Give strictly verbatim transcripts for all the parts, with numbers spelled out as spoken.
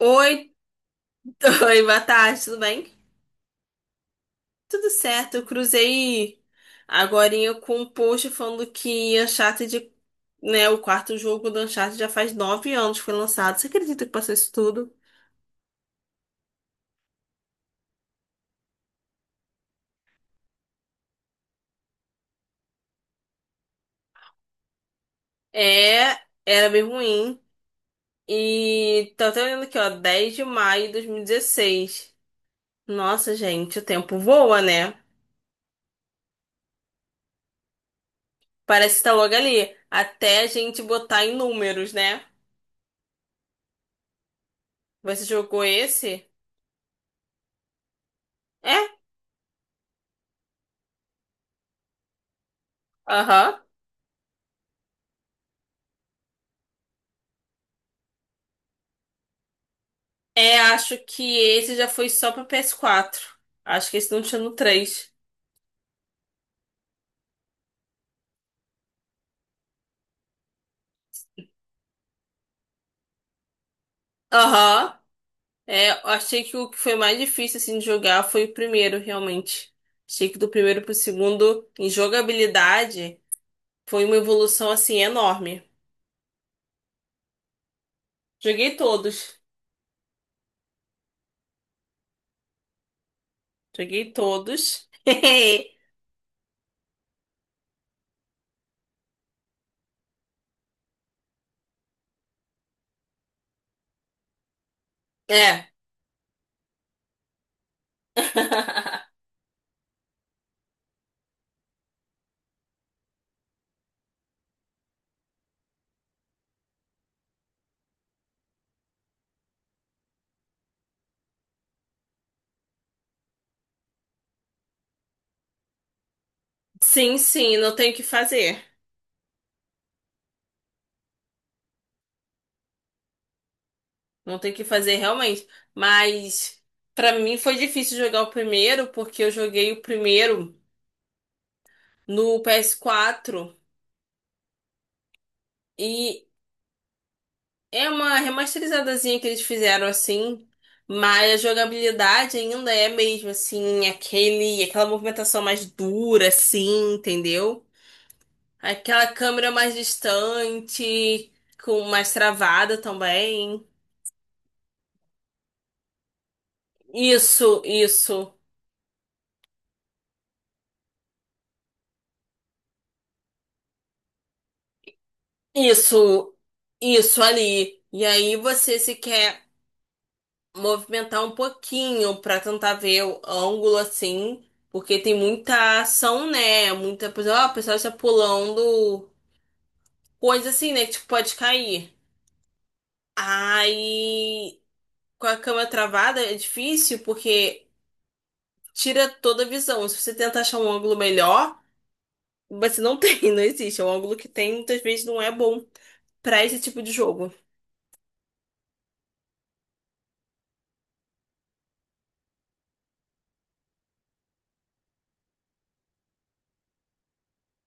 Oi, oi, boa tarde, tudo bem? Tudo certo, eu cruzei agorinha com um post falando que Uncharted, né, o quarto jogo do Uncharted já faz nove anos que foi lançado. Você acredita que passou isso tudo? É, era bem ruim. E tô até olhando aqui, ó, dez de maio de dois mil e dezesseis. Nossa, gente, o tempo voa, né? Parece que tá logo ali. Até a gente botar em números, né? Você jogou esse? É? Aham. É, acho que esse já foi só pro P S quatro. Acho que esse não tinha no três. Aham. É, eu achei que o que foi mais difícil assim de jogar foi o primeiro, realmente. Achei que do primeiro pro segundo, em jogabilidade, foi uma evolução assim enorme. Joguei todos. Joguei todos. É. Sim, sim, não tem o que fazer. Não tem o que fazer realmente. Mas pra mim foi difícil jogar o primeiro, porque eu joguei o primeiro no P S quatro, e é uma remasterizadazinha que eles fizeram assim, mas a jogabilidade ainda é mesmo assim, aquele, aquela movimentação mais dura assim, entendeu? Aquela câmera mais distante, com mais travada também. Isso, isso, isso, isso ali. E aí você se quer movimentar um pouquinho pra tentar ver o ângulo assim, porque tem muita ação, né? Muita, por exemplo, ah, o pessoal está pulando coisa assim, né? Que tipo, pode cair. Aí, com a câmera travada é difícil porque tira toda a visão. Se você tenta achar um ângulo melhor, você não tem, não existe. É um ângulo que tem, muitas vezes não é bom pra esse tipo de jogo.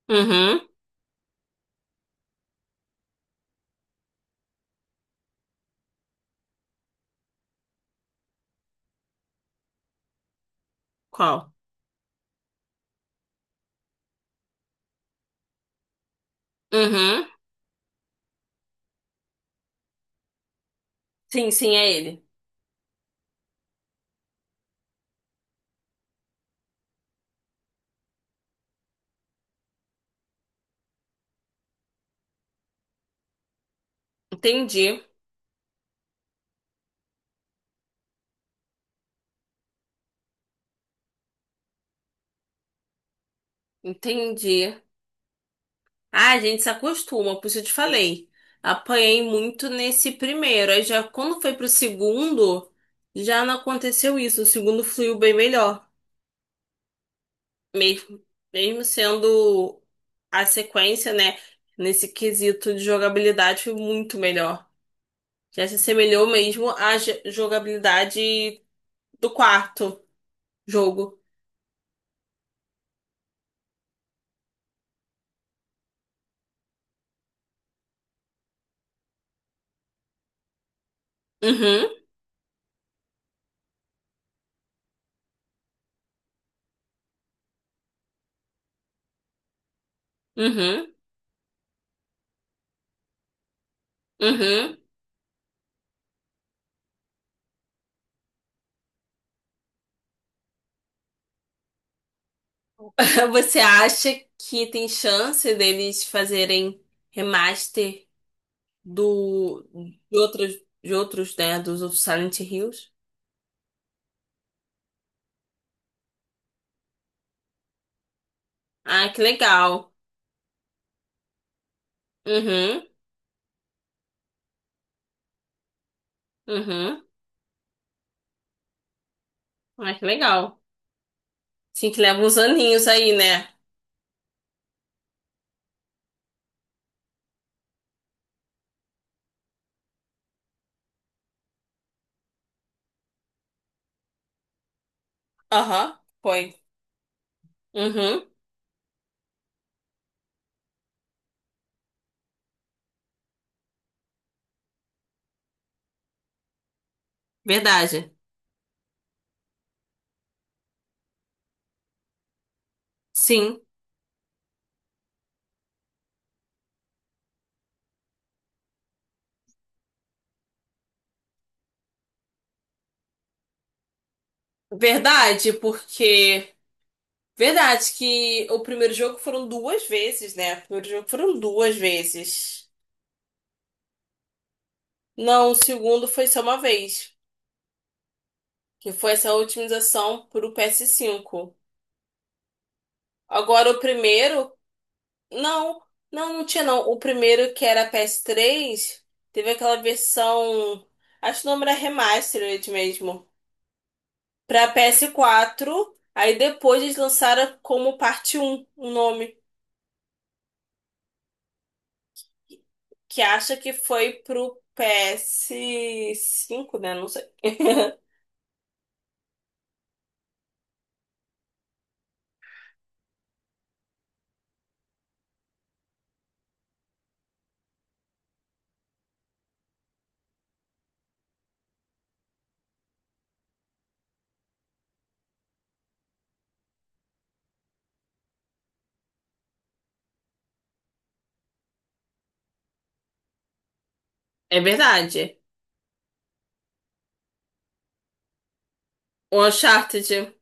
Uhum. Qual? Uhum. Sim, sim, é ele. Entendi. Entendi. Ah, a gente se acostuma, por isso eu te falei. Apanhei muito nesse primeiro. Aí já quando foi pro segundo, já não aconteceu isso. O segundo fluiu bem melhor. Mesmo, mesmo sendo a sequência, né? Nesse quesito de jogabilidade, foi muito melhor. Já se assemelhou mesmo à j- jogabilidade do quarto jogo. Uhum, uhum, uhum. Você acha que tem chance deles fazerem remaster? Do de outros de outros, né, dos outros Silent Hills. Ah, que legal. Uhum, uhum. Ah, que legal. Sim, que leva uns aninhos aí, né? Aham, foi. Uhum, verdade. Sim, verdade, porque verdade que o primeiro jogo foram duas vezes, né? O primeiro jogo foram duas vezes. Não, o segundo foi só uma vez, que foi essa otimização pro ps cinco. Agora o primeiro. Não, não, não tinha não. O primeiro que era ps três teve aquela versão, acho que o nome era Remastered mesmo, pra ps quatro. Aí depois eles lançaram como parte um o nome, que acha que foi pro ps cinco, né? Não sei. É verdade. O Uncharted.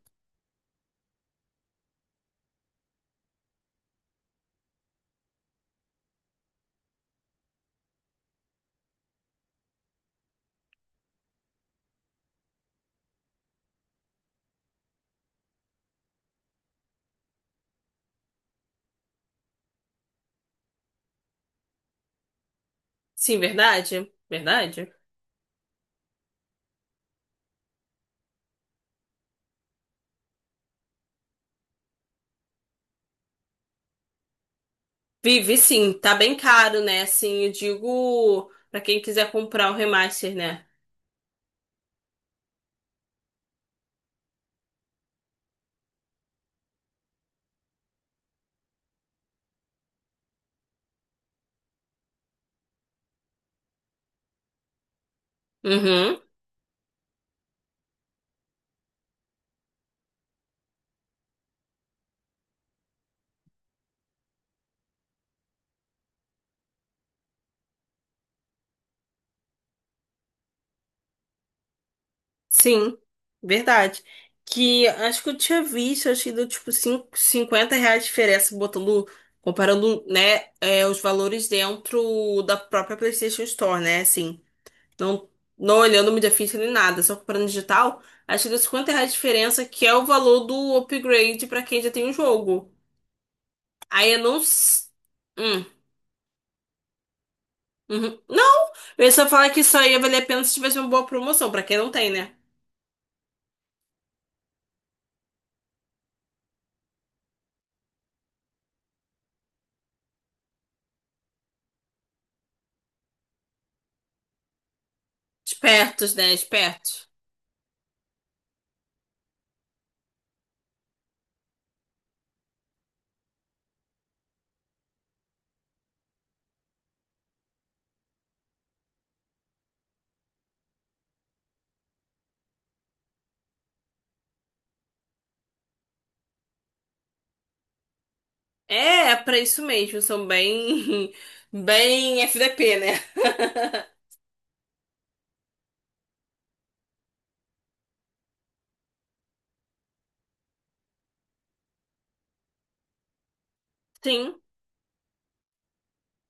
Sim, verdade. Verdade. Vive sim, tá bem caro, né? Assim, eu digo pra quem quiser comprar o remaster, né? Uhum. Sim, verdade. Que acho que eu tinha visto, acho que deu tipo cin- cinquenta reais de diferença botando, comparando, né, é, os valores dentro da própria PlayStation Store, né? Assim, não, não olhando mídia física nem nada, só comparando digital, acho que deu cinquenta reais de diferença, que é o valor do upgrade pra quem já tem o jogo. Aí eu não. s- Hum, uhum. Não! Eu ia só falar que isso aí ia valer a pena se tivesse uma boa promoção, pra quem não tem, né? Espertos, né? Espertos. É, é pra isso mesmo, são bem, bem F D P, né? Sim,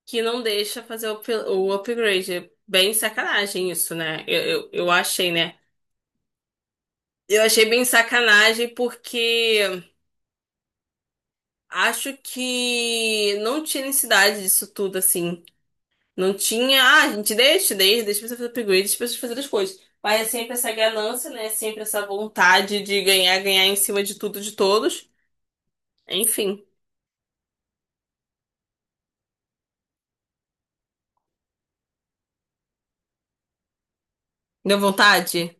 que não deixa fazer o, up- o upgrade. É bem sacanagem isso, né? Eu, eu, eu achei, né? Eu achei bem sacanagem porque acho que não tinha necessidade disso tudo, assim. Não tinha, ah, a gente deixa, deixa, deixa você fazer upgrade, deixa você fazer as coisas. Mas é sempre essa ganância, né? É sempre essa vontade de ganhar, ganhar em cima de tudo, de todos. Enfim, deu vontade?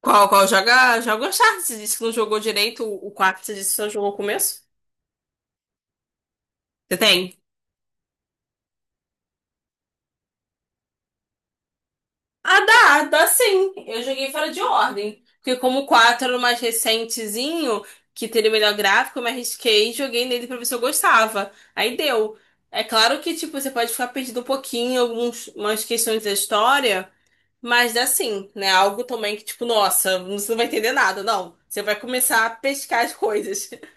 Qual, qual? Joga, joga o Uncharted. Você disse que não jogou direito o quatro. Você disse que só jogou o começo? Você tem? Ah, dá, dá sim. Eu joguei fora de ordem. Porque como o quatro era o mais recentezinho, que teria o melhor gráfico, eu me arrisquei e joguei nele pra ver se eu gostava. Aí deu. É claro que, tipo, você pode ficar perdido um pouquinho, algumas umas questões da história, mas dá sim, né? Algo também que, tipo, nossa, você não vai entender nada, não. Você vai começar a pescar as coisas.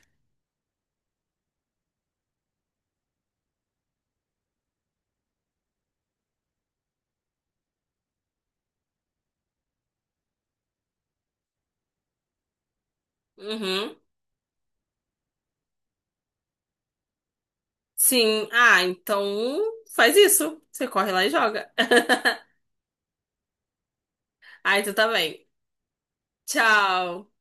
Uhum. Sim, ah, então faz isso. Você corre lá e joga. Ai, tu também. Tchau.